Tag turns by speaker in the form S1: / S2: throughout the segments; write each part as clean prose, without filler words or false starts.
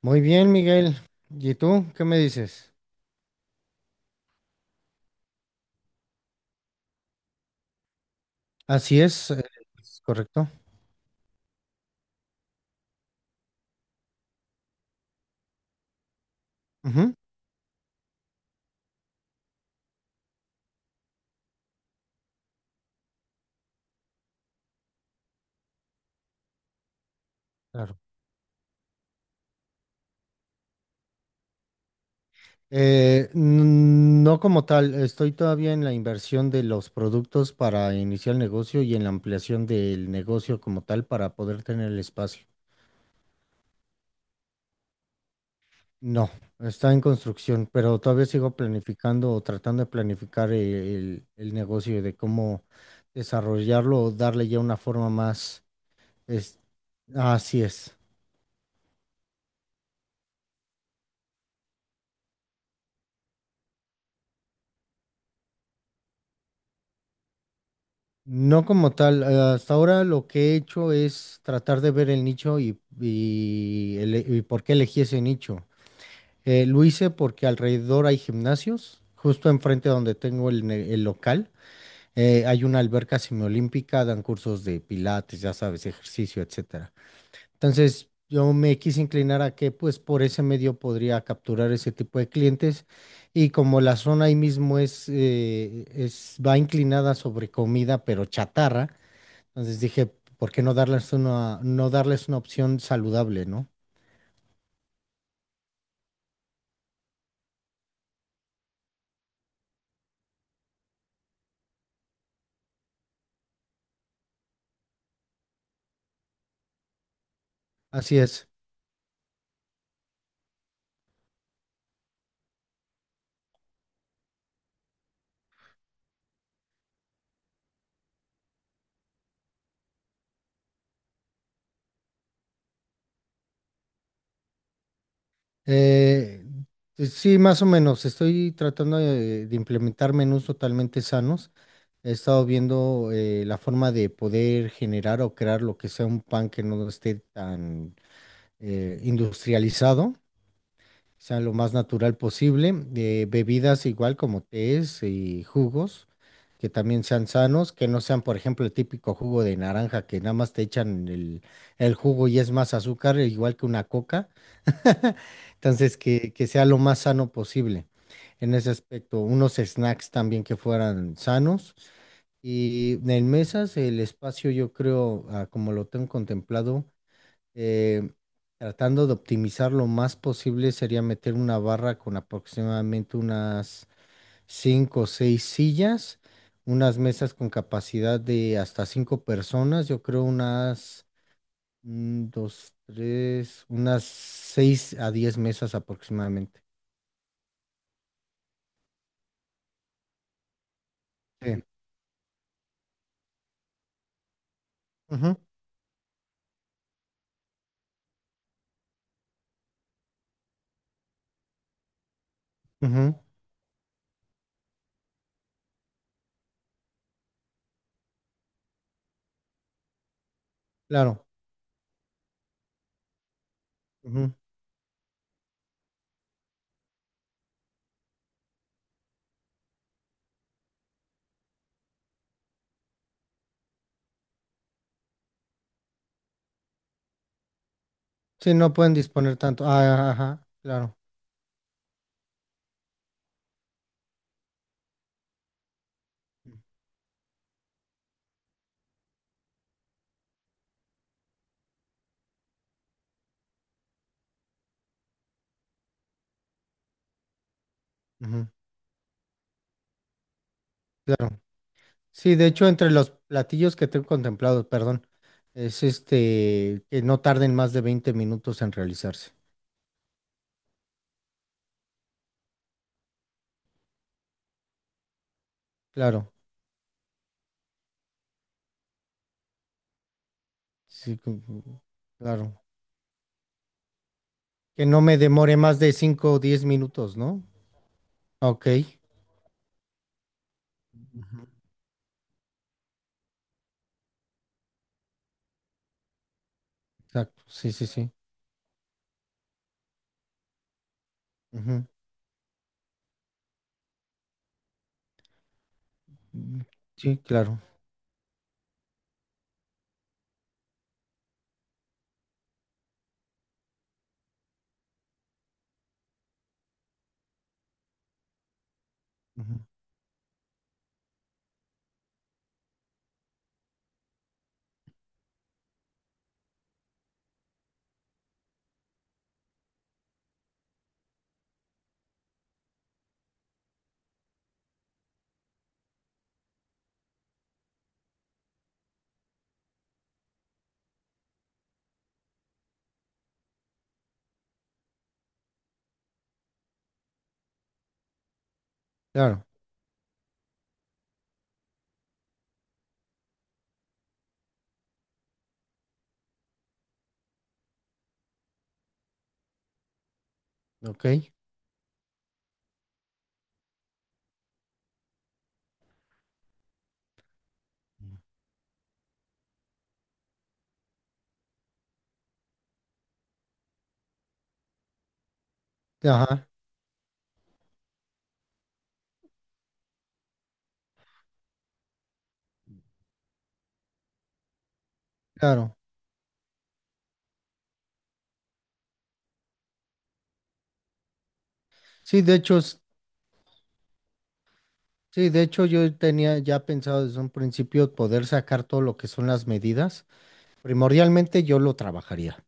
S1: Muy bien, Miguel. ¿Y tú qué me dices? Así es correcto. Ujú, claro. No como tal, estoy todavía en la inversión de los productos para iniciar el negocio y en la ampliación del negocio como tal para poder tener el espacio. No, está en construcción, pero todavía sigo planificando o tratando de planificar el negocio de cómo desarrollarlo o darle ya una forma más. es- Así es. No como tal, hasta ahora lo que he hecho es tratar de ver el nicho y por qué elegí ese nicho. Lo hice porque alrededor hay gimnasios, justo enfrente donde tengo el local, hay una alberca semiolímpica, dan cursos de pilates, ya sabes, ejercicio, etcétera. Entonces yo me quise inclinar a que pues por ese medio podría capturar ese tipo de clientes y como la zona ahí mismo es va inclinada sobre comida, pero chatarra. Entonces dije, ¿por qué no darles una, ¿no darles una opción saludable, ¿no? Así es. Eh, pues sí, más o menos. Estoy tratando de implementar menús totalmente sanos. He estado viendo la forma de poder generar o crear lo que sea un pan que no esté tan industrializado, o sea, lo más natural posible. Bebidas igual como tés y jugos, que también sean sanos, que no sean, por ejemplo, el típico jugo de naranja, que nada más te echan el jugo y es más azúcar, e igual que una coca. Entonces, que sea lo más sano posible en ese aspecto. Unos snacks también que fueran sanos. Y en mesas, el espacio, yo creo, ah, como lo tengo contemplado, eh, tratando de optimizar lo más posible sería meter una barra con aproximadamente unas 5 o 6 sillas, unas mesas con capacidad de hasta 5 personas, yo creo unas 2, 3, unas 6 a 10 mesas aproximadamente. Sí. Ujú, ujú, claro. Ujú. Sí, no pueden disponer tanto. Ah, ajá, claro. Ujú, claro. Sí, de hecho, entre los platillos que tengo contemplados, perdón, es este, que no tarden más de 20 minutos en realizarse. Claro, sí, cu- cu- claro. ¿Que no me demore más de 5 o 10 minutos, no? Ok, ujú. Exacto, sí, sí, sí. Ujú, mm, sí, claro, ujú, claro, ok. Ajá, claro. Sí, de hecho, s- sí, de hecho yo tenía ya pensado desde un principio poder sacar todo lo que son las medidas. Primordialmente yo lo trabajaría,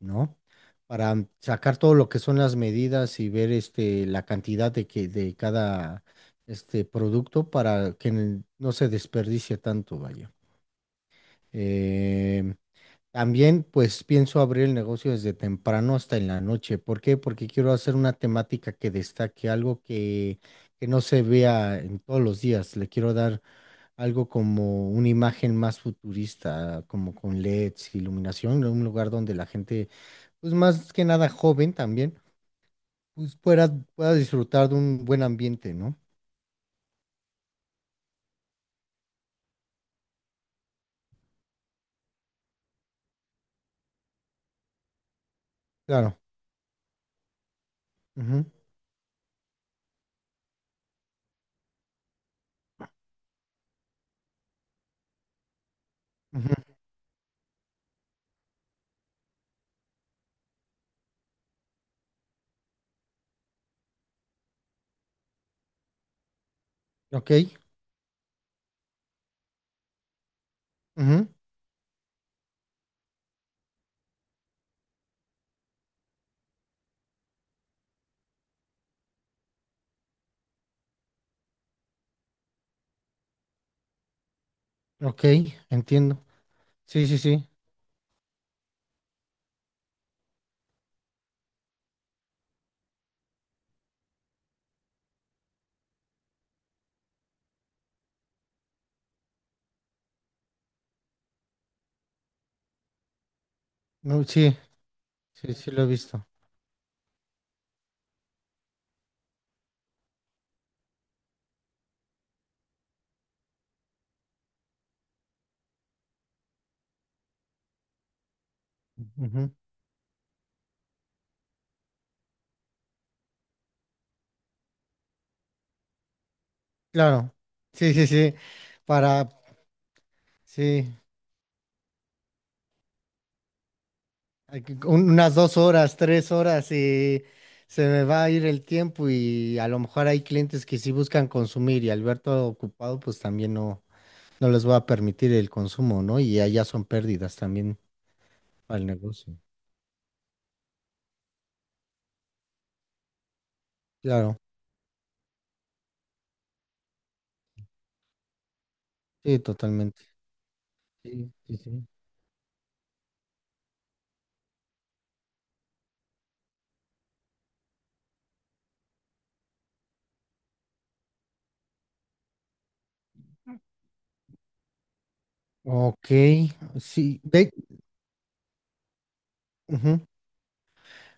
S1: ¿no? Para sacar todo lo que son las medidas y ver este, la cantidad de cada este, producto para que no se desperdicie tanto, vaya. Eh, también pues pienso abrir el negocio desde temprano hasta en la noche. ¿Por qué? Porque quiero hacer una temática que destaque, algo que no se vea en todos los días. Le quiero dar algo como una imagen más futurista, ah, como con LEDs, iluminación, un lugar donde la gente, pues más que nada joven también, pues pueda, pueda disfrutar de un buen ambiente, ¿no? Claro. Ujú, ujú. Ok, ujú, ok, entiendo. Sí, sí, sí. No, sí, sí, sí lo he visto. Ujú, claro. Sí, sí, sí. Para, sí. Unas 2 horas, 3 horas y se me va a ir el tiempo y a lo mejor hay clientes que sí buscan consumir y Alberto ocupado pues también no, no les va a permitir el consumo, ¿no? Y allá son pérdidas también para el negocio. Claro, sí, totalmente. Sí, sí, sí. Ok, sí. Ujú.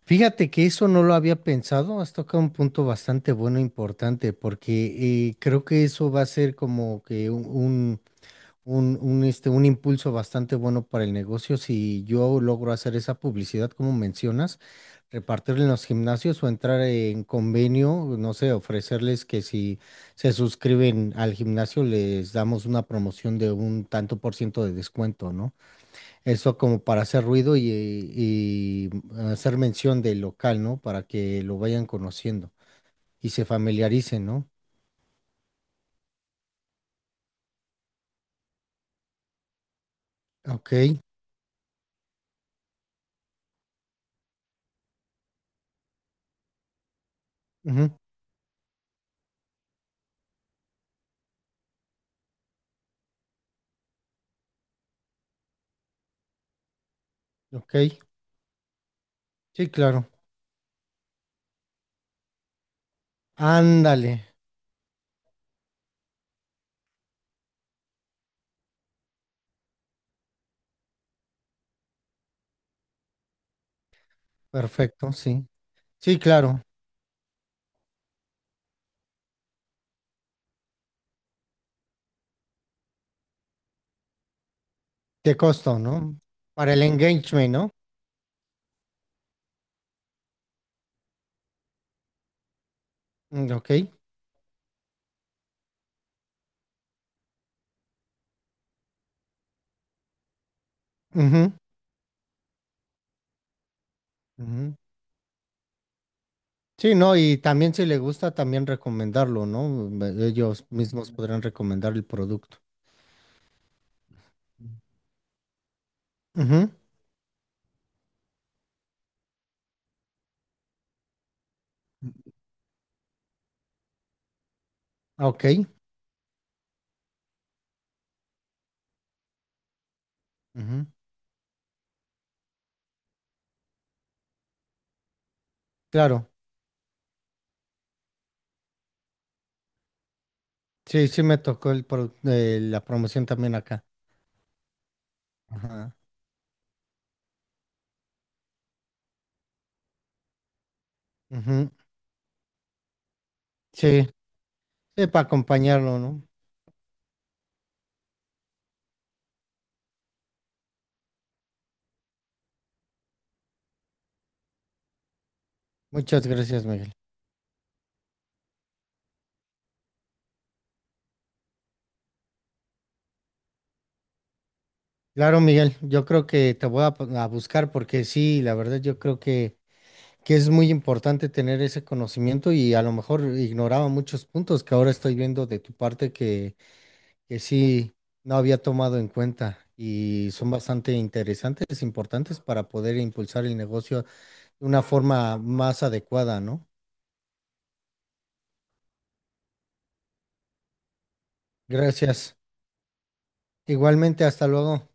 S1: Fíjate que eso no lo había pensado, has tocado un punto bastante bueno, e importante, porque creo que eso va a ser como que un impulso bastante bueno para el negocio si yo logro hacer esa publicidad, como mencionas, repartirla en los gimnasios o entrar en convenio, no sé, ofrecerles que si se suscriben al gimnasio les damos una promoción de un tanto por ciento de descuento, ¿no? Eso como para hacer ruido y hacer mención del local, ¿no? Para que lo vayan conociendo y se familiaricen, ¿no? Ok, ujú, ok, sí, claro. Ándale. Perfecto, sí. Sí, claro. De costo, ¿no? Para el engagement, ¿no? Mm, ok. Ujú, ujú. Sí, no, y también si le gusta, también recomendarlo, ¿no? Ellos mismos podrán recomendar el producto. Ujú, ok. Ujú, claro. Sí, sí me tocó el pro- la promoción también acá. Ajá. Ujú, sí, sí, para acompañarlo, ¿no? Muchas gracias, Miguel. Claro, Miguel, yo creo que te voy a, a buscar porque sí, la verdad yo creo que es muy importante tener ese conocimiento y a lo mejor ignoraba muchos puntos que ahora estoy viendo de tu parte que sí no había tomado en cuenta y son bastante interesantes, importantes para poder impulsar el negocio de una forma más adecuada, ¿no? Gracias. Igualmente, hasta luego.